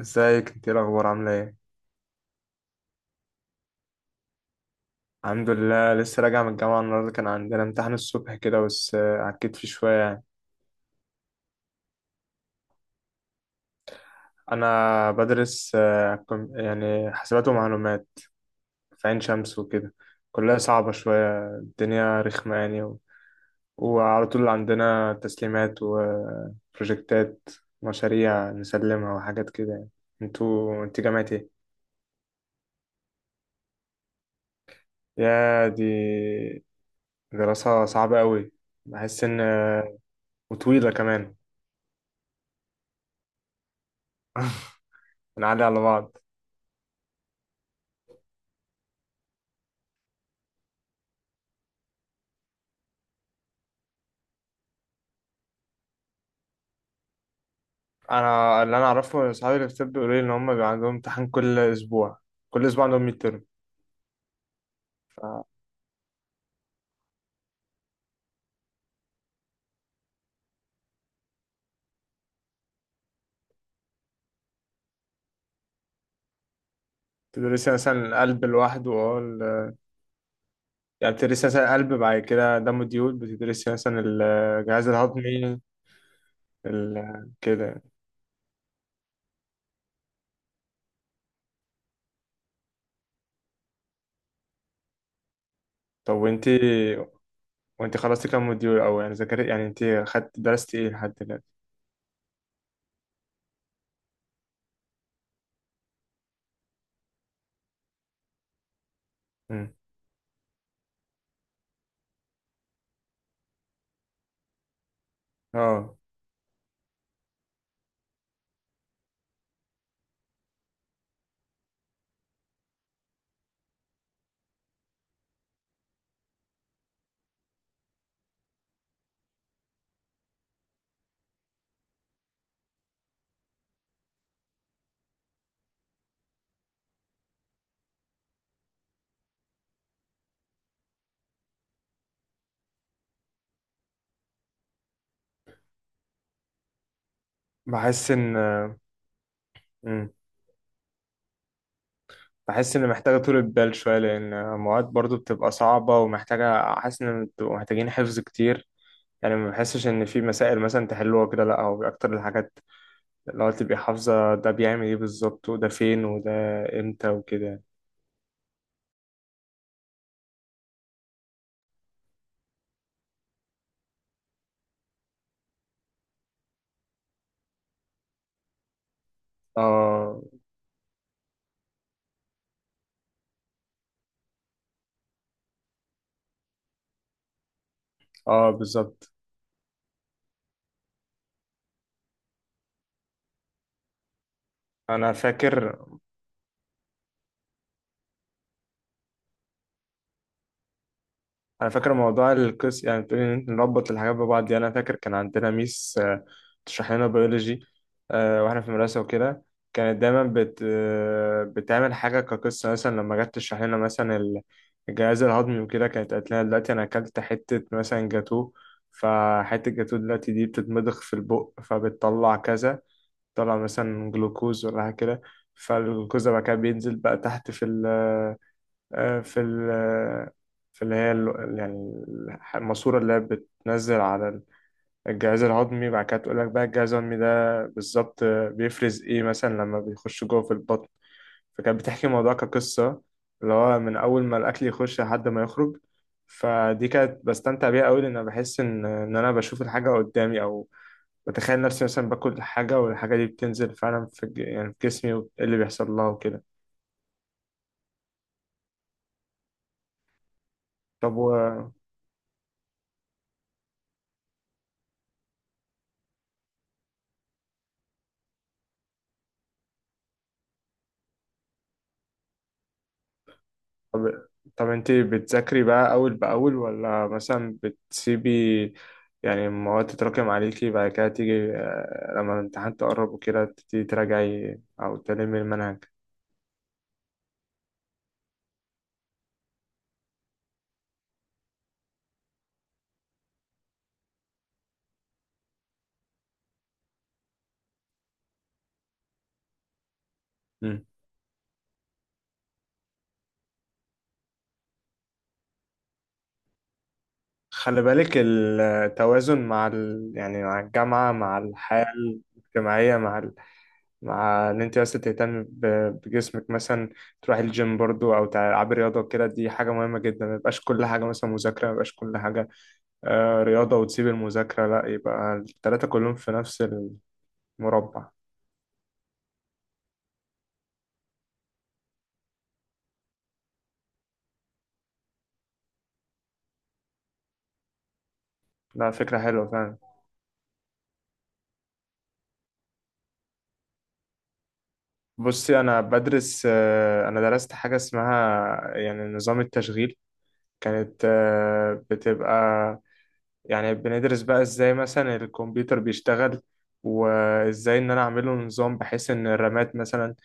ازيك؟ انت ايه الاخبار؟ عامله ايه؟ الحمد لله، لسه راجع من الجامعه النهارده. كان عندنا امتحان الصبح كده، بس عكيت فيه شويه يعني. انا بدرس، يعني حسابات ومعلومات في عين شمس وكده. كلها صعبه شويه، الدنيا رخمه يعني وعلى طول عندنا تسليمات وبروجكتات، مشاريع نسلمها وحاجات كده يعني. انت جامعة ايه؟ يا دي، دراسة صعبة قوي. بحس ان، وطويلة كمان. بنعلي على بعض. انا اللي انا اعرفه إن اصحابي اللي في طب بيقولوا لي ان هم بيبقى عندهم امتحان كل اسبوع، كل اسبوع عندهم ميد ترم. فتدرسي مثلا القلب لوحده، اه يعني بتدرسي مثلا القلب، بعد كده دم الديود بتدرسي مثلا الجهاز الهضمي، كده يعني. طب وانتي خلصتي كام موديول، او يعني ذاكرت يعني انتي خدت درستي ايه لحد دلوقتي؟ مم. اه. بحس ان. مم. بحس ان محتاجه طولة بال شويه، لان المواد برضو بتبقى صعبه ومحتاجه، حاسس ان بتبقوا محتاجين حفظ كتير. يعني ما بحسش ان في مسائل مثلا تحلوها كده، لا هو اكتر الحاجات اللي هو تبقى حافظه، ده بيعمل ايه بالظبط، وده فين، وده امتى، وكده. اه، اه بالظبط. انا فاكر انا فاكر موضوع القس، يعني بتقولي ان إنت نربط الحاجات ببعض دي. انا فاكر كان عندنا ميس، تشرح لنا بيولوجي واحنا في المدرسه وكده. كانت دايما بت آه، بتعمل حاجه كقصه، مثلا لما جت تشرح لنا مثلا الجهاز الهضمي وكده، كانت قالت لنا دلوقتي انا اكلت حته مثلا جاتوه، فحته جاتوه دلوقتي دي بتتمضغ في البق فبتطلع كذا، تطلع مثلا جلوكوز ولا حاجه كده. فالجلوكوز ده بقى كده بينزل بقى تحت آه، في ال في اللي هي، يعني الماسورة اللي هي بتنزل على الجهاز الهضمي. بعد كده تقول لك بقى الجهاز الهضمي ده بالظبط بيفرز ايه مثلا لما بيخش جوه في البطن. فكانت بتحكي الموضوع كقصة، اللي هو من أول ما الأكل يخش لحد ما يخرج. فدي كانت بستمتع بيها أوي، لأن أنا بحس إن أنا بشوف الحاجة قدامي، أو بتخيل نفسي مثلا باكل حاجة، والحاجة دي بتنزل فعلا في يعني في جسمي، وإيه اللي بيحصل لها وكده. طب طب طب انت بتذاكري بقى اول باول، ولا مثلا بتسيبي يعني المواد تتراكم عليكي، بعد كده تيجي لما الامتحان تقرب وكده تبتدي تراجعي او تلمي المنهج؟ مم. خلي بالك، التوازن مع يعني مع الجامعة، مع الحياة الاجتماعية، مع مع ان انت بس تهتمي بجسمك مثلا، تروحي الجيم برضو او تلعبي رياضة وكده، دي حاجة مهمة جدا. ما يبقاش كل حاجة مثلا مذاكرة، ما يبقاش كل حاجة رياضة وتسيب المذاكرة، لا يبقى التلاتة كلهم في نفس المربع. لا، فكرة حلوة فعلا. بصي، أنا بدرس، أنا درست حاجة اسمها يعني نظام التشغيل. كانت بتبقى يعني بندرس بقى ازاي مثلا الكمبيوتر بيشتغل، وازاي ان انا اعمله نظام بحيث ان الرامات مثلا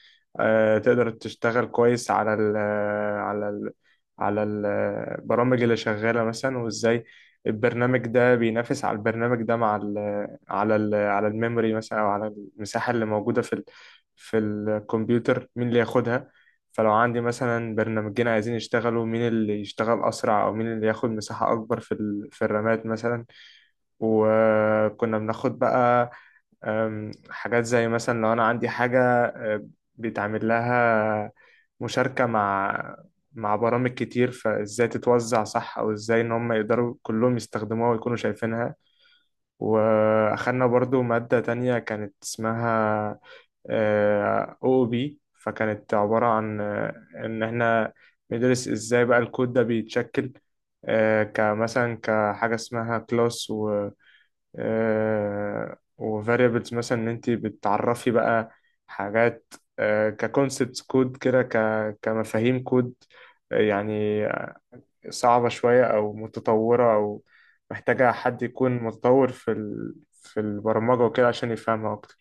تقدر تشتغل كويس على ال آه، على ال على البرامج اللي شغالة مثلا، وازاي البرنامج ده بينافس على البرنامج ده مع ال على ال على الميموري مثلا، او على المساحة اللي موجودة في الكمبيوتر، مين اللي ياخدها؟ فلو عندي مثلا برنامجين عايزين يشتغلوا، مين اللي يشتغل أسرع، أو مين اللي ياخد مساحة أكبر في الرامات مثلا. وكنا بناخد بقى حاجات زي مثلا لو أنا عندي حاجة أه، بيتعمل لها مشاركة مع برامج كتير، فازاي تتوزع صح، او ازاي ان هم يقدروا كلهم يستخدموها ويكونوا شايفينها. واخدنا برضو مادة تانية كانت اسمها او بي، فكانت عبارة عن ان احنا بندرس ازاي بقى الكود ده بيتشكل، كمثلا كحاجة اسمها كلاس وفاريبلز مثلا، ان انت بتعرفي بقى حاجات ككونسبت كود كده، كمفاهيم كود يعني، صعبة شوية او متطورة او محتاجة حد يكون متطور في في البرمجة وكده عشان يفهمها اكتر.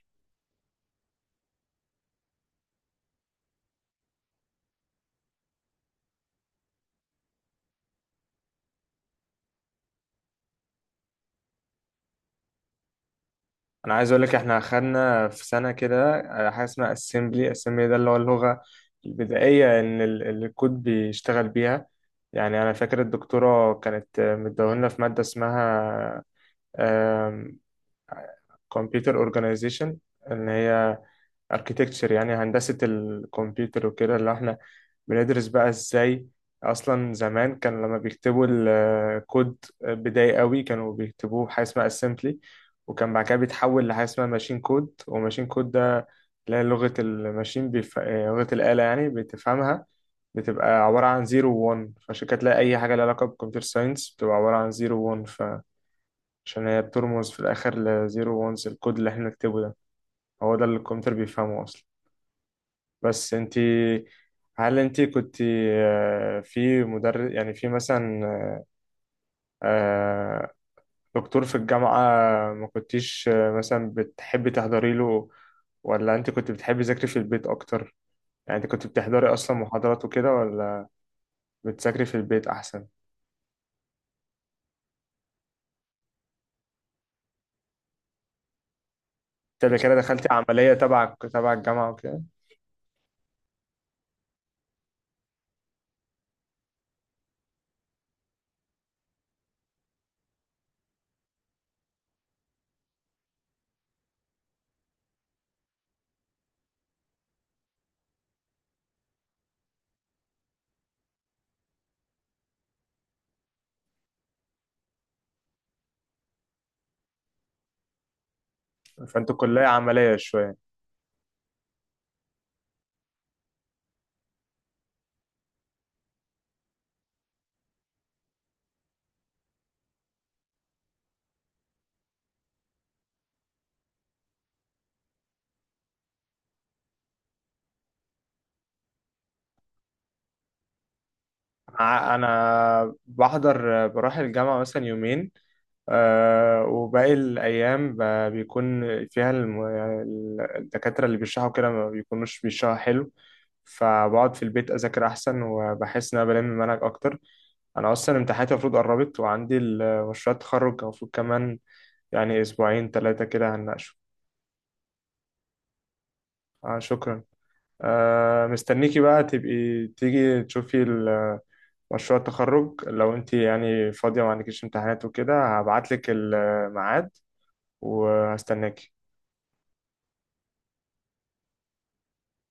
انا عايز اقول لك احنا خدنا في سنة كده حاجة اسمها assembly ده اللي هو اللغة البدائية ان اللي الكود بيشتغل بيها. يعني انا فاكر الدكتورة كانت مديهولنا في مادة اسمها كمبيوتر اورجانيزيشن، اللي هي اركيتكتشر يعني هندسة الكمبيوتر وكده، اللي احنا بندرس بقى ازاي اصلا زمان كان لما بيكتبوا الكود بداية قوي كانوا بيكتبوه بحاجة اسمها اسمبلي، وكان بعد كده بيتحول لحاجة اسمها ماشين كود، وماشين كود ده اللي هي لغة الماشين بيف... آه، لغة الآلة يعني بتفهمها، بتبقى عبارة عن زيرو وون. فعشان كده تلاقي أي حاجة لها علاقة بالكمبيوتر ساينس بتبقى عبارة عن زيرو وون، عشان هي بترمز في الآخر لزيرو وانس، الكود اللي احنا نكتبه ده هو ده اللي الكمبيوتر بيفهمه أصلا. بس انتي، هل انتي كنت في مدرس يعني في مثلا آه، دكتور في الجامعة، ما كنتيش مثلا بتحبي تحضري له، ولا انت كنت بتحبي تذاكري في البيت أكتر؟ يعني انت كنت بتحضري أصلا محاضرات وكده، ولا بتذاكري في البيت أحسن؟ انت كده دخلتي عملية تبع الجامعة وكده، فانتوا كلية عملية شوية. انا بحضر، بروح الجامعة مثلا يومين وباقي الأيام بيكون فيها الدكاترة اللي بيشرحوا كده ما بيكونوش بيشرحوا حلو، فبقعد في البيت أذاكر أحسن وبحس إن أنا بلم المنهج أكتر. أنا أصلا امتحاناتي المفروض قربت، وعندي مشروع التخرج المفروض كمان يعني أسبوعين تلاتة كده هنناقشه. شكرا. مستنيكي بقى، تبقي تيجي تشوفي مشروع التخرج لو انت يعني فاضية وما عندكيش امتحانات وكده، هبعتلك الميعاد وهستناكي.